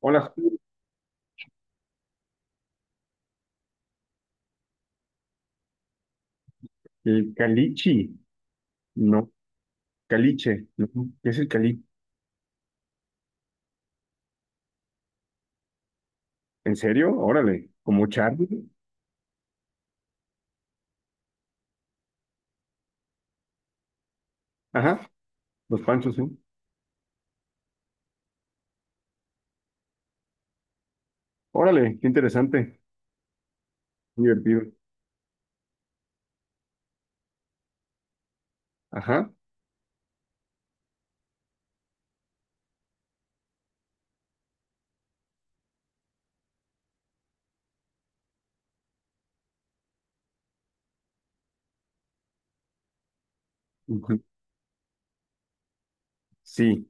Hola, el calichi, no, caliche, no. ¿Qué es el cali? ¿En serio? Órale, como Charlie. Ajá, los panchos, ¿eh? Órale, qué interesante, divertido. Ajá, ujú. Sí,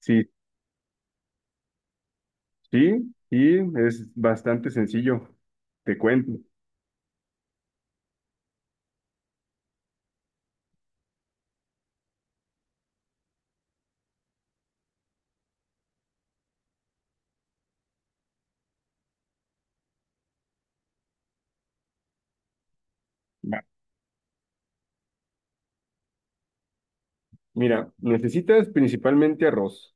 sí, sí, sí, es bastante sencillo, te cuento. Va. Mira, necesitas principalmente arroz,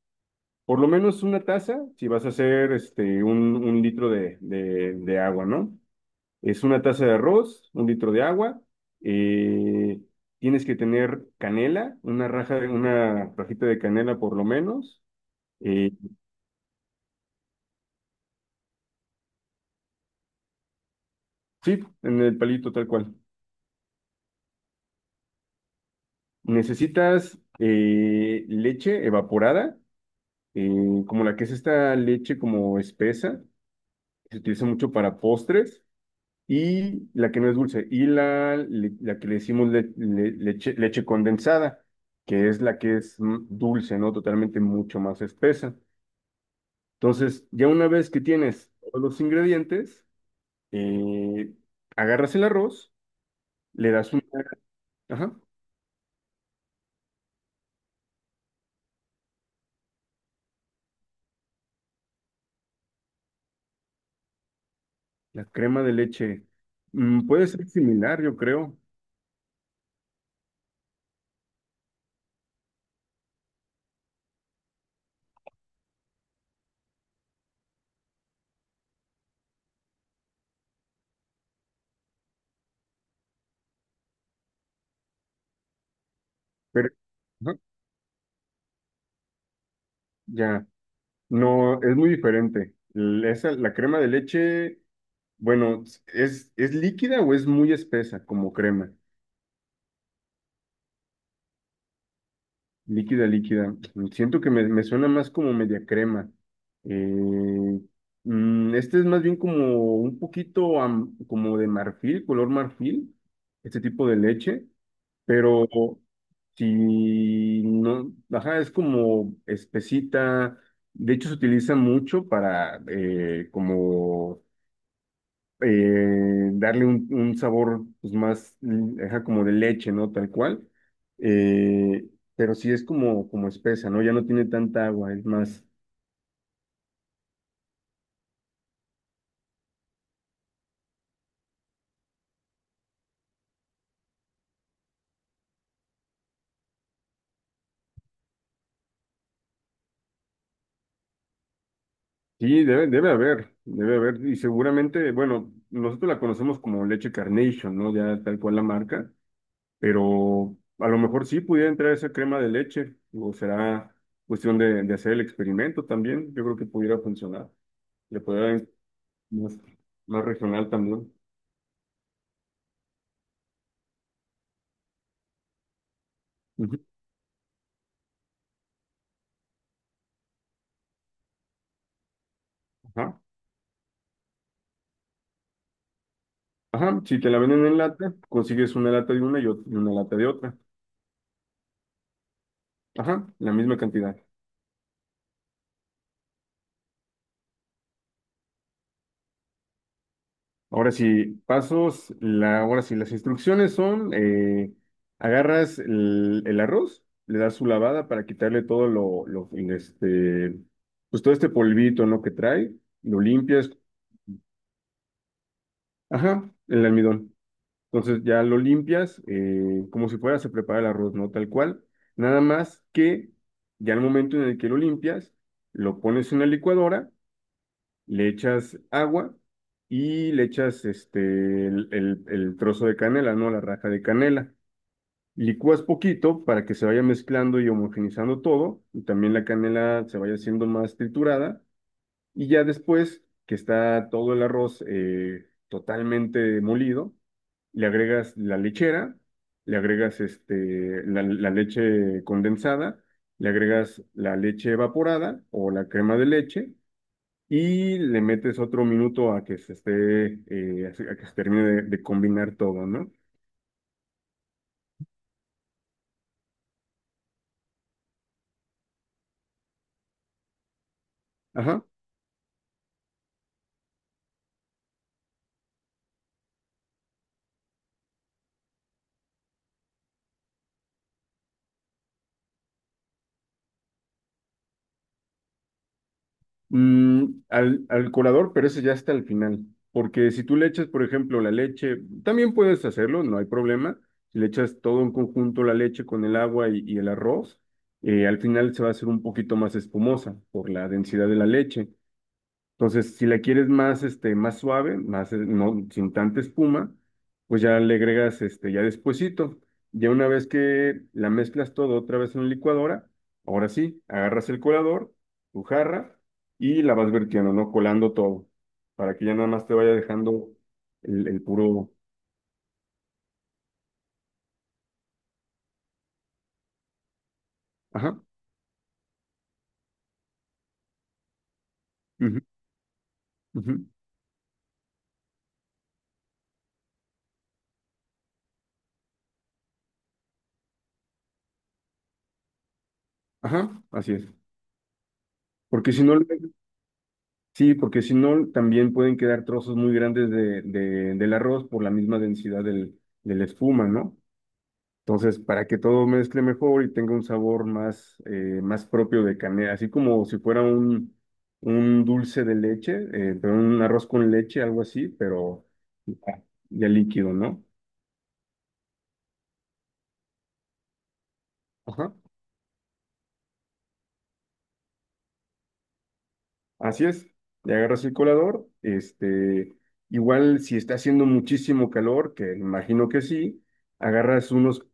por lo menos una taza si vas a hacer este, un litro de, de agua, ¿no? Es una taza de arroz, un litro de agua. eh, Tienes que tener canela, una raja, una rajita de canela por lo menos. eh, sí, en el palito tal cual. Necesitas leche evaporada, como la que es esta leche como espesa, que se utiliza mucho para postres, y la que no es dulce, y la que le decimos leche condensada, que es la que es dulce, ¿no? Totalmente mucho más espesa. Entonces, ya una vez que tienes todos los ingredientes, eh, agarras el arroz, le das una, ajá, la crema de leche. Mm, puede ser similar, yo creo, pero ajá, ya, no, es muy diferente. La crema de leche, bueno, ¿es líquida o es muy espesa como crema? Líquida, líquida. Siento que me suena más como media crema. Eh, este es más bien como un poquito como de marfil, color marfil, este tipo de leche, pero si no, ajá, es como espesita. De hecho, se utiliza mucho para como darle un sabor pues, más ajá, como de leche, ¿no? Tal cual. Eh, pero sí es como espesa, ¿no? Ya no tiene tanta agua, es más. Sí, debe haber, debe haber. Y seguramente, bueno, nosotros la conocemos como leche Carnation, ¿no? Ya tal cual la marca, pero a lo mejor sí pudiera entrar esa crema de leche, o será cuestión de hacer el experimento también. Yo creo que pudiera funcionar. Le podría dar más, más regional también. Ujú. Ajá. Ajá, si te la venden en lata, consigues una lata de una y una lata de otra. Ajá, la misma cantidad. Ahora sí, pasos, ahora sí, las instrucciones son, agarras el arroz, le das su lavada para quitarle todo este, pues todo este polvito, ¿no? Que trae, lo limpias, ajá, el almidón. Entonces ya lo limpias, como si fuera, se prepara el arroz, ¿no? Tal cual. Nada más que ya al momento en el que lo limpias, lo pones en la licuadora, le echas agua y le echas este, el trozo de canela, ¿no? La raja de canela. Licúas poquito para que se vaya mezclando y homogenizando todo, y también la canela se vaya haciendo más triturada, y ya después que está todo el arroz totalmente molido, le agregas la lechera, le agregas este, la leche condensada, le agregas la leche evaporada o la crema de leche, y le metes otro minuto a que se termine de combinar todo, ¿no? Ajá. Al colador, pero ese ya está al final, porque si tú le echas, por ejemplo, la leche, también puedes hacerlo, no hay problema. Si le echas todo en conjunto la leche con el agua y el arroz, al final se va a hacer un poquito más espumosa por la densidad de la leche. Entonces, si la quieres más, este, más suave, más, no, sin tanta espuma, pues ya le agregas, este, ya despuesito. Ya una vez que la mezclas todo otra vez en la licuadora, ahora sí, agarras el colador, tu jarra, y la vas vertiendo, ¿no? Colando todo, para que ya nada más te vaya dejando el puro. Ajá, ujú, ujú, ajá, así es. Porque si no, también pueden quedar trozos muy grandes del arroz por la misma densidad de la espuma, ¿no? Entonces, para que todo mezcle mejor y tenga un sabor más, más propio de canela, así como si fuera un, dulce de leche, pero un arroz con leche, algo así, pero ya, ya líquido, ¿no? Ajá, así es. Le agarras el colador, este, igual si está haciendo muchísimo calor, que imagino que sí, agarras unos,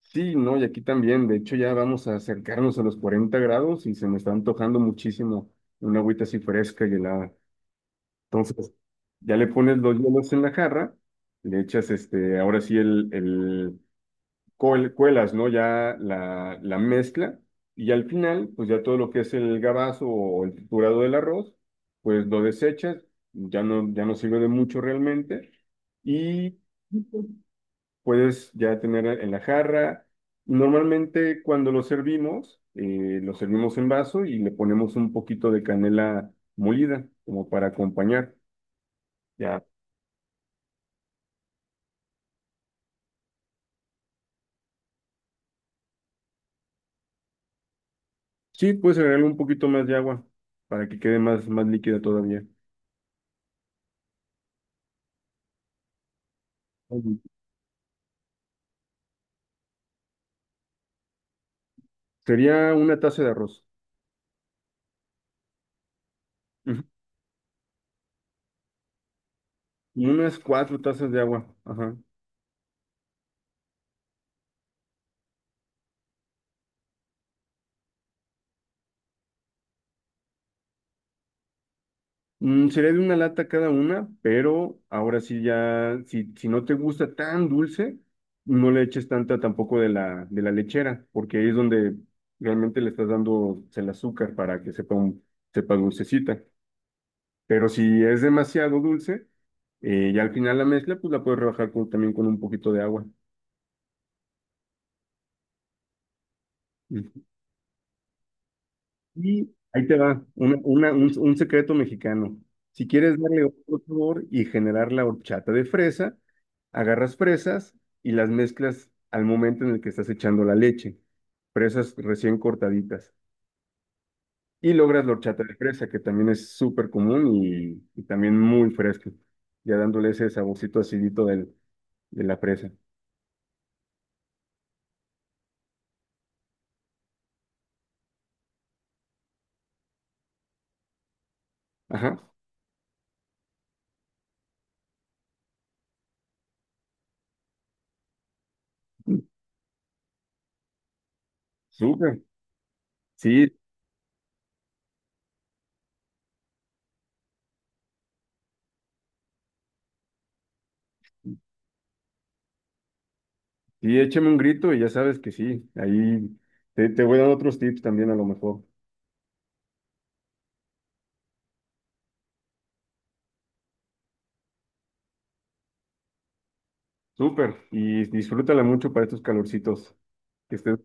sí, ¿no? Y aquí también, de hecho ya vamos a acercarnos a los 40 grados y se me está antojando muchísimo una agüita así fresca y helada. Entonces, ya le pones los hielos en la jarra, le echas este, ahora sí cuelas, ¿no? Ya la mezcla y al final, pues ya todo lo que es el gabazo o el triturado del arroz, pues lo desechas, ya no, ya no sirve de mucho realmente y puedes ya tener en la jarra. Normalmente cuando lo servimos en vaso y le ponemos un poquito de canela molida como para acompañar. Ya, sí, puedes agregarle un poquito más de agua para que quede más, más líquida todavía. Ujú. Sería una taza de arroz. Ujú. Unas 4 tazas de agua. Ajá. Sería de una lata cada una, pero ahora sí ya, si no te gusta tan dulce, no le eches tanta tampoco de la lechera, porque ahí es donde realmente le estás dando el azúcar para que sepa, sepa dulcecita. Pero si es demasiado dulce, ya al final la mezcla, pues la puedes rebajar también con un poquito de agua. Y ahí te va, un secreto mexicano. Si quieres darle otro sabor y generar la horchata de fresa, agarras fresas y las mezclas al momento en el que estás echando la leche. Fresas recién cortaditas. Y logras la horchata de fresa, que también es súper común y también muy fresca. Ya dándole ese saborcito acidito de la fresa. Ajá, súper. Sí, sí, échame un grito y ya sabes que sí. Ahí te voy a dar otros tips también a lo mejor. Súper, y disfrútala mucho para estos calorcitos. Que estés